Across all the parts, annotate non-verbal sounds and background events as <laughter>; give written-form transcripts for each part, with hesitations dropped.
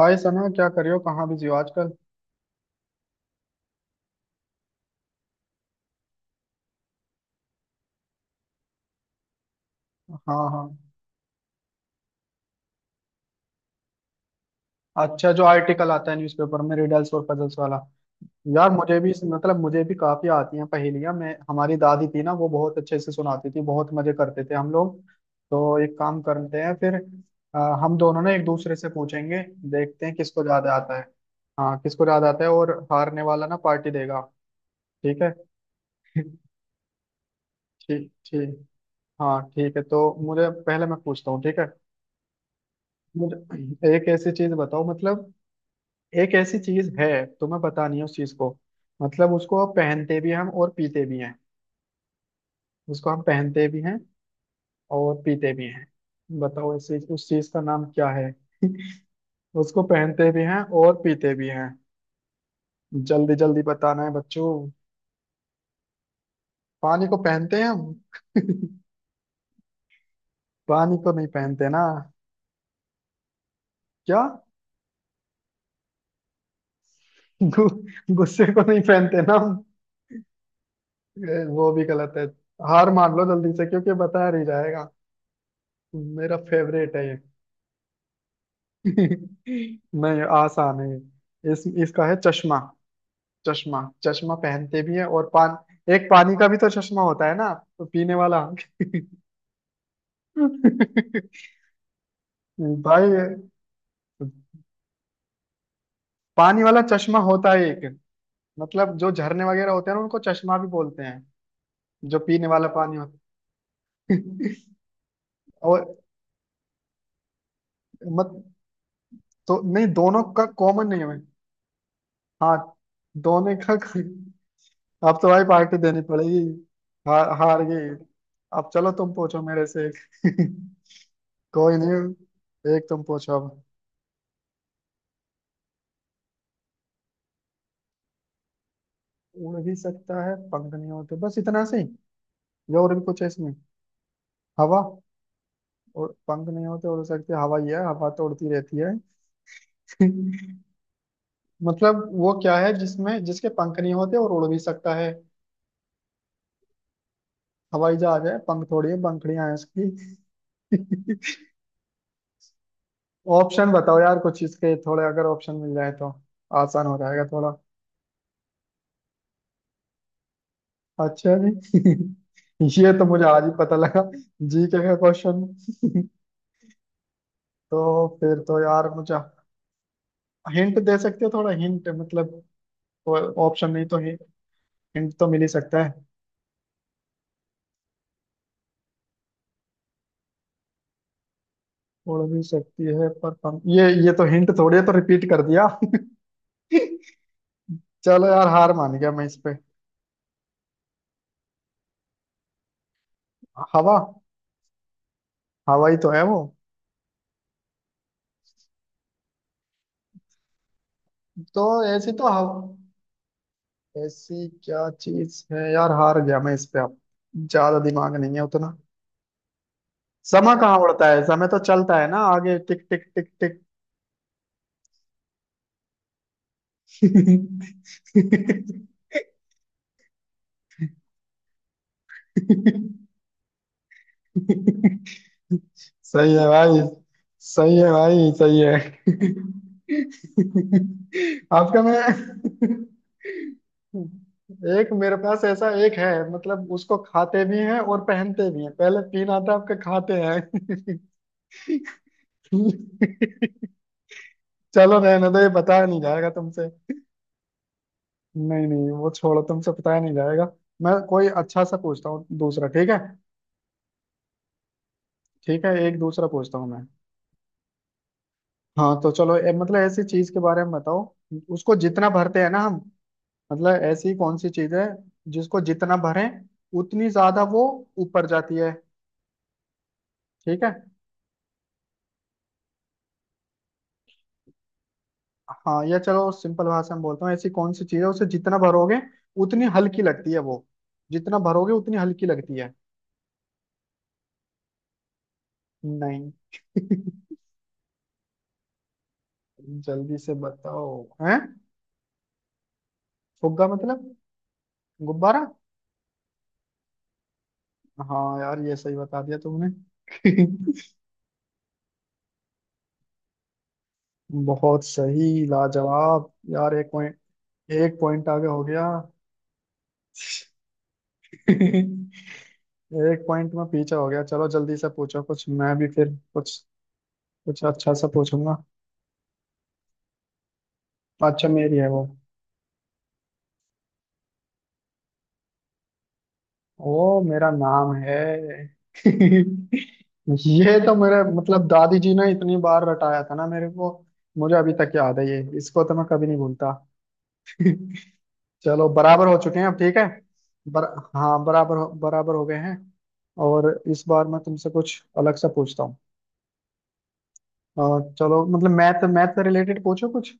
हाय सना, क्या कर रहे हो? कहाँ बिजी हो आजकल? हाँ हाँ। अच्छा, जो आर्टिकल आता है न्यूज़पेपर में रिडल्स और पजल्स वाला। यार मुझे भी, मतलब मुझे भी काफी आती हैं पहेलियां। मैं, हमारी दादी थी ना, वो बहुत अच्छे से सुनाती थी। बहुत मजे करते थे हम लोग। तो एक काम करते हैं फिर। अ, हम दोनों ना एक दूसरे से पूछेंगे। देखते हैं किसको ज्यादा आता है। हाँ, किसको ज्यादा आता है, और हारने वाला ना पार्टी देगा। ठीक है। <laughs> ठीक ठीक। हाँ ठीक है, तो मुझे पहले, मैं पूछता हूँ, ठीक है। मुझे एक ऐसी चीज बताओ, मतलब एक ऐसी चीज है, तुम्हें पता नहीं है उस चीज को। मतलब उसको आप पहनते भी हैं हम, और पीते भी हैं। उसको हम पहनते भी हैं और पीते भी हैं। बताओ ऐसी उस चीज का नाम क्या है। <laughs> उसको पहनते भी हैं और पीते भी हैं। जल्दी जल्दी बताना है बच्चों। पानी को पहनते हैं हम? <laughs> पानी को नहीं पहनते ना। क्या? गु, गुस्से को नहीं पहनते ना हम। वो भी गलत है। हार मान लो जल्दी से, क्योंकि बता नहीं जाएगा। मेरा फेवरेट है ये। <laughs> नहीं, आसान है ये। इस इसका है चश्मा। चश्मा। चश्मा पहनते भी है और पान। एक पानी का भी तो चश्मा होता है ना, तो पीने वाला। <laughs> भाई ये पानी वाला चश्मा होता है एक। मतलब जो झरने वगैरह होते हैं ना उनको चश्मा भी बोलते हैं, जो पीने वाला पानी होता है। <laughs> और मत, तो नहीं, दोनों का कॉमन नहीं है? हाँ, दोनों का। अब तो भाई पार्टी देनी पड़ेगी। हार हार गई। अब चलो तुम पूछो मेरे से एक। <laughs> कोई नहीं, एक तुम पूछो अब। उड़ भी सकता है, पंख नहीं होते, बस इतना से ही या और भी कुछ है इसमें? हवा। और पंख नहीं होते उड़ सकती है, हवा ही है, हवा तो उड़ती रहती है। <laughs> मतलब वो क्या है जिसमें, जिसके पंख नहीं होते और उड़ भी सकता है। हवाई जहाज है? पंख थोड़ी है, पंखड़ियां हैं उसकी। <laughs> ऑप्शन बताओ यार कुछ इसके, थोड़े अगर ऑप्शन मिल जाए तो आसान हो जाएगा थोड़ा। अच्छा जी। <laughs> ये तो मुझे आज ही पता लगा, जी के का क्वेश्चन। <laughs> तो फिर तो यार मुझे हिंट दे सकते हो, थोड़ा हिंट, मतलब ऑप्शन नहीं तो हिंट तो मिल ही सकता है। उड़ भी सकती है पर कम, ये तो हिंट थोड़ी है, तो रिपीट कर दिया। <laughs> चलो यार हार मान गया मैं इस पे। हवा। हवा ही तो है वो। तो ऐसी तो हवा, ऐसी क्या चीज है यार, हार गया मैं इस पे अब। ज्यादा दिमाग नहीं है उतना। समय कहाँ उड़ता है, समय तो चलता है ना आगे, टिक टिक टिक टिक। <laughs> सही है भाई। सही है भाई सही है। <laughs> आपका मैं। एक मेरे पास ऐसा एक है, मतलब उसको खाते भी हैं और पहनते भी हैं, पहले तीन आता आपके खाते हैं। <laughs> चलो रहने दो, ये बताया नहीं जाएगा तुमसे। नहीं नहीं, वो छोड़ो, तुमसे बताया नहीं जाएगा। मैं कोई अच्छा सा पूछता हूँ दूसरा, ठीक है। ठीक है, एक दूसरा पूछता हूँ मैं। हाँ तो चलो, मतलब ऐसी चीज के बारे में बताओ, उसको जितना भरते हैं ना हम, मतलब ऐसी कौन सी चीज है जिसको जितना भरें उतनी ज्यादा वो ऊपर जाती है। ठीक है। हाँ, या चलो सिंपल भाषा में बोलता हूँ। ऐसी कौन सी चीज है उसे जितना भरोगे उतनी हल्की लगती है वो। जितना भरोगे उतनी हल्की लगती है। नहीं। <laughs> जल्दी से बताओ। हैं? फुग्गा मतलब गुब्बारा? हाँ यार, ये सही बता दिया तुमने। <laughs> बहुत सही, लाजवाब यार। एक पॉइंट, एक पॉइंट आगे हो गया। <laughs> एक पॉइंट में पीछे हो गया। चलो जल्दी से पूछो कुछ, मैं भी फिर कुछ, कुछ अच्छा सा पूछूंगा। अच्छा मेरी है वो? ओ, मेरा नाम है। <laughs> ये तो मेरे मतलब दादी जी ने इतनी बार रटाया था ना मेरे को, मुझे अभी तक याद है ये, इसको तो मैं कभी नहीं भूलता। <laughs> चलो बराबर हो चुके हैं अब, ठीक है। बर, हाँ बराबर हो गए हैं। और इस बार मैं तुमसे कुछ अलग सा पूछता हूँ। चलो मतलब मैथ, मैथ से रिलेटेड पूछो कुछ।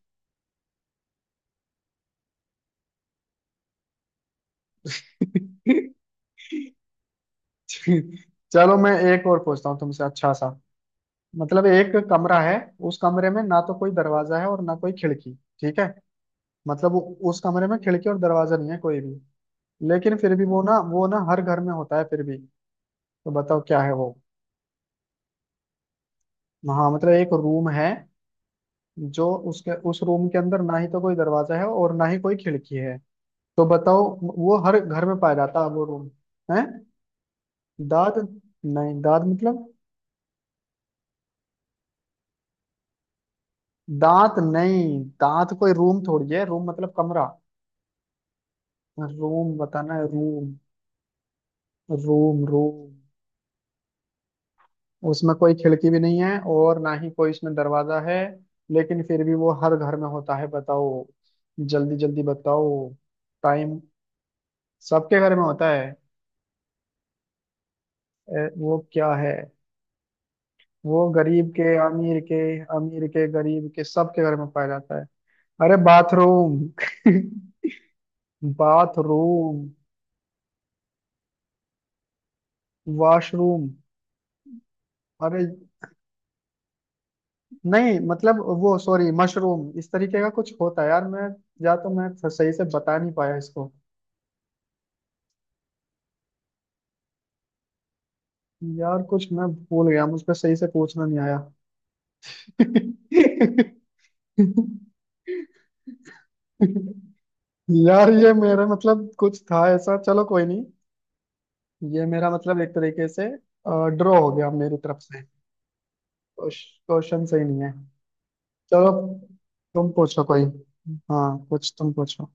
<laughs> चलो मैं एक और पूछता हूँ तुमसे अच्छा सा। मतलब एक कमरा है, उस कमरे में ना तो कोई दरवाजा है और ना कोई खिड़की, ठीक है। मतलब उस कमरे में खिड़की और दरवाजा नहीं है कोई भी, लेकिन फिर भी वो ना, वो ना हर घर में होता है फिर भी। तो बताओ क्या है वो। हाँ मतलब एक रूम है, जो उसके उस रूम के अंदर ना ही तो कोई दरवाजा है और ना ही कोई खिड़की है। तो बताओ, वो हर घर में पाया जाता है वो रूम। है? दांत? नहीं, दांत मतलब? दांत नहीं, दांत कोई रूम थोड़ी है, रूम मतलब कमरा। रूम बताना है, रूम। Room, room. उसमें कोई खिड़की भी नहीं है और ना ही कोई इसमें दरवाजा है, लेकिन फिर भी वो हर घर में होता है। बताओ, जल्दी जल्दी बताओ। टाइम? सबके घर में होता है। वो क्या है, वो गरीब के अमीर के, अमीर के गरीब के सबके घर में पाया जाता है। अरे बाथरूम। <laughs> Bathroom, washroom. अरे नहीं, मतलब वो, सॉरी, मशरूम इस तरीके का कुछ होता है यार, मैं, या तो मैं सही से बता नहीं पाया इसको। यार कुछ मैं भूल गया, मुझ पे सही से पूछना नहीं आया। <laughs> यार ये मेरा मतलब कुछ था ऐसा, चलो कोई नहीं। ये मेरा मतलब एक तरीके से ड्रॉ हो गया मेरी तरफ से। क्वेश्चन सही नहीं है। चलो तुम पूछो कोई। हाँ कुछ तुम पूछो।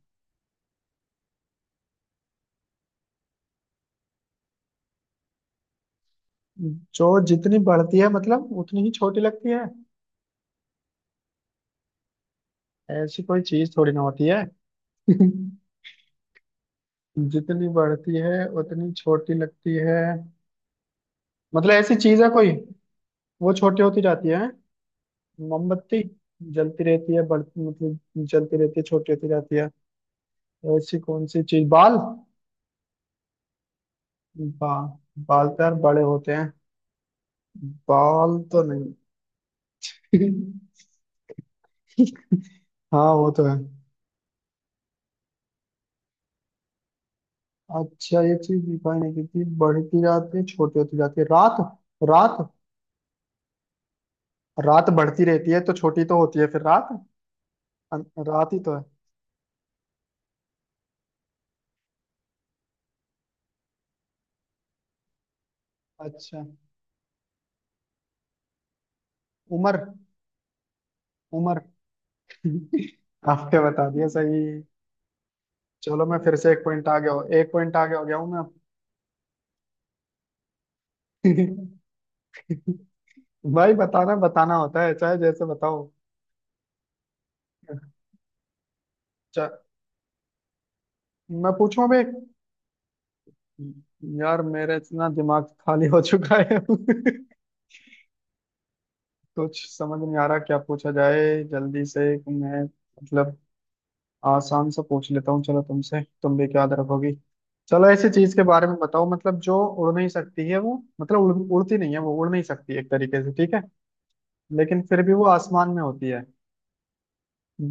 जो जितनी बढ़ती है मतलब उतनी ही छोटी लगती है? ऐसी कोई चीज थोड़ी ना होती है। <laughs> जितनी बढ़ती है उतनी छोटी लगती है? मतलब ऐसी चीज है कोई, वो छोटी होती जाती है। मोमबत्ती? जलती रहती है, बढ़ती मतलब जलती रहती है, छोटी होती जाती है। ऐसी कौन सी चीज, बाल? बा, बाल तो यार बड़े होते हैं, बाल तो नहीं। <laughs> हाँ वो तो है। अच्छा ये चीज दिखाई नहीं देती, बढ़ती जाती है, छोटी होती जाती है। रात? रात, रात बढ़ती रहती है तो छोटी तो होती है फिर रात, रात ही तो है। अच्छा, उम्र? उम्र। <laughs> आपने बता दिया सही। चलो मैं फिर से एक पॉइंट आगे हो, एक पॉइंट आगे हो गया हूँ मैं अब। <laughs> भाई बताना बताना होता है चाहे जैसे बताओ। चा, मैं पूछूं अबे। यार मेरे इतना दिमाग खाली हो चुका है। <laughs> कुछ समझ नहीं आ रहा क्या पूछा जाए जल्दी से। मैं मतलब, आसान सा पूछ लेता हूँ चलो, तुमसे तुम भी क्या रखोगी। चलो ऐसी चीज के बारे में बताओ, मतलब जो उड़ नहीं सकती है वो, मतलब उड़ती नहीं है वो, उड़ नहीं सकती एक तरीके से, ठीक है। लेकिन फिर भी वो आसमान में होती है।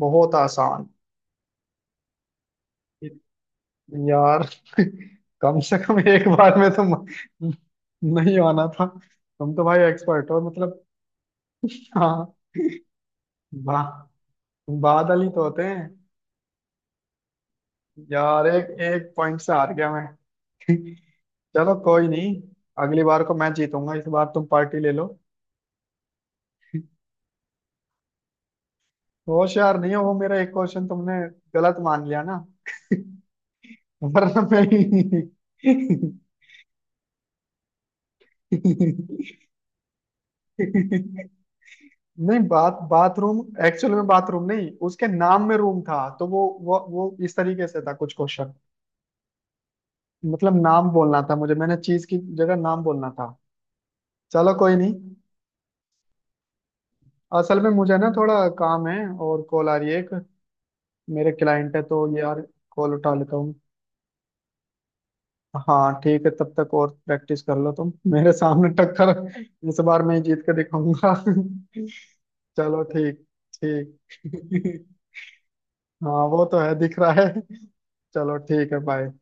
बहुत आसान। यार। <laughs> कम से कम एक बार में तो नहीं आना था। तुम तो भाई एक्सपर्ट हो मतलब। हाँ। बा, बादल ही तो होते हैं। यार एक एक पॉइंट से हार गया मैं। चलो कोई नहीं, अगली बार को मैं जीतूंगा, इस बार तुम पार्टी ले लो। होशियार नहीं हो, वो मेरा एक क्वेश्चन तुमने गलत मान लिया ना, वरना मैं। <laughs> नहीं बात बाथरूम, एक्चुअल में बाथरूम नहीं, उसके नाम में रूम था, तो वो इस तरीके से था कुछ क्वेश्चन। मतलब नाम बोलना था मुझे, मैंने चीज की जगह नाम बोलना था। चलो कोई नहीं। असल में मुझे ना थोड़ा काम है, और कॉल आ रही है एक, मेरे क्लाइंट है तो यार, कॉल उठा लेता हूँ। हाँ ठीक है, तब तक और प्रैक्टिस कर लो तुम, मेरे सामने टक्कर। इस बार मैं ही जीत के दिखाऊंगा। <laughs> चलो ठीक, ठीक। <laughs> हाँ वो तो है, दिख रहा है। चलो ठीक है, बाय।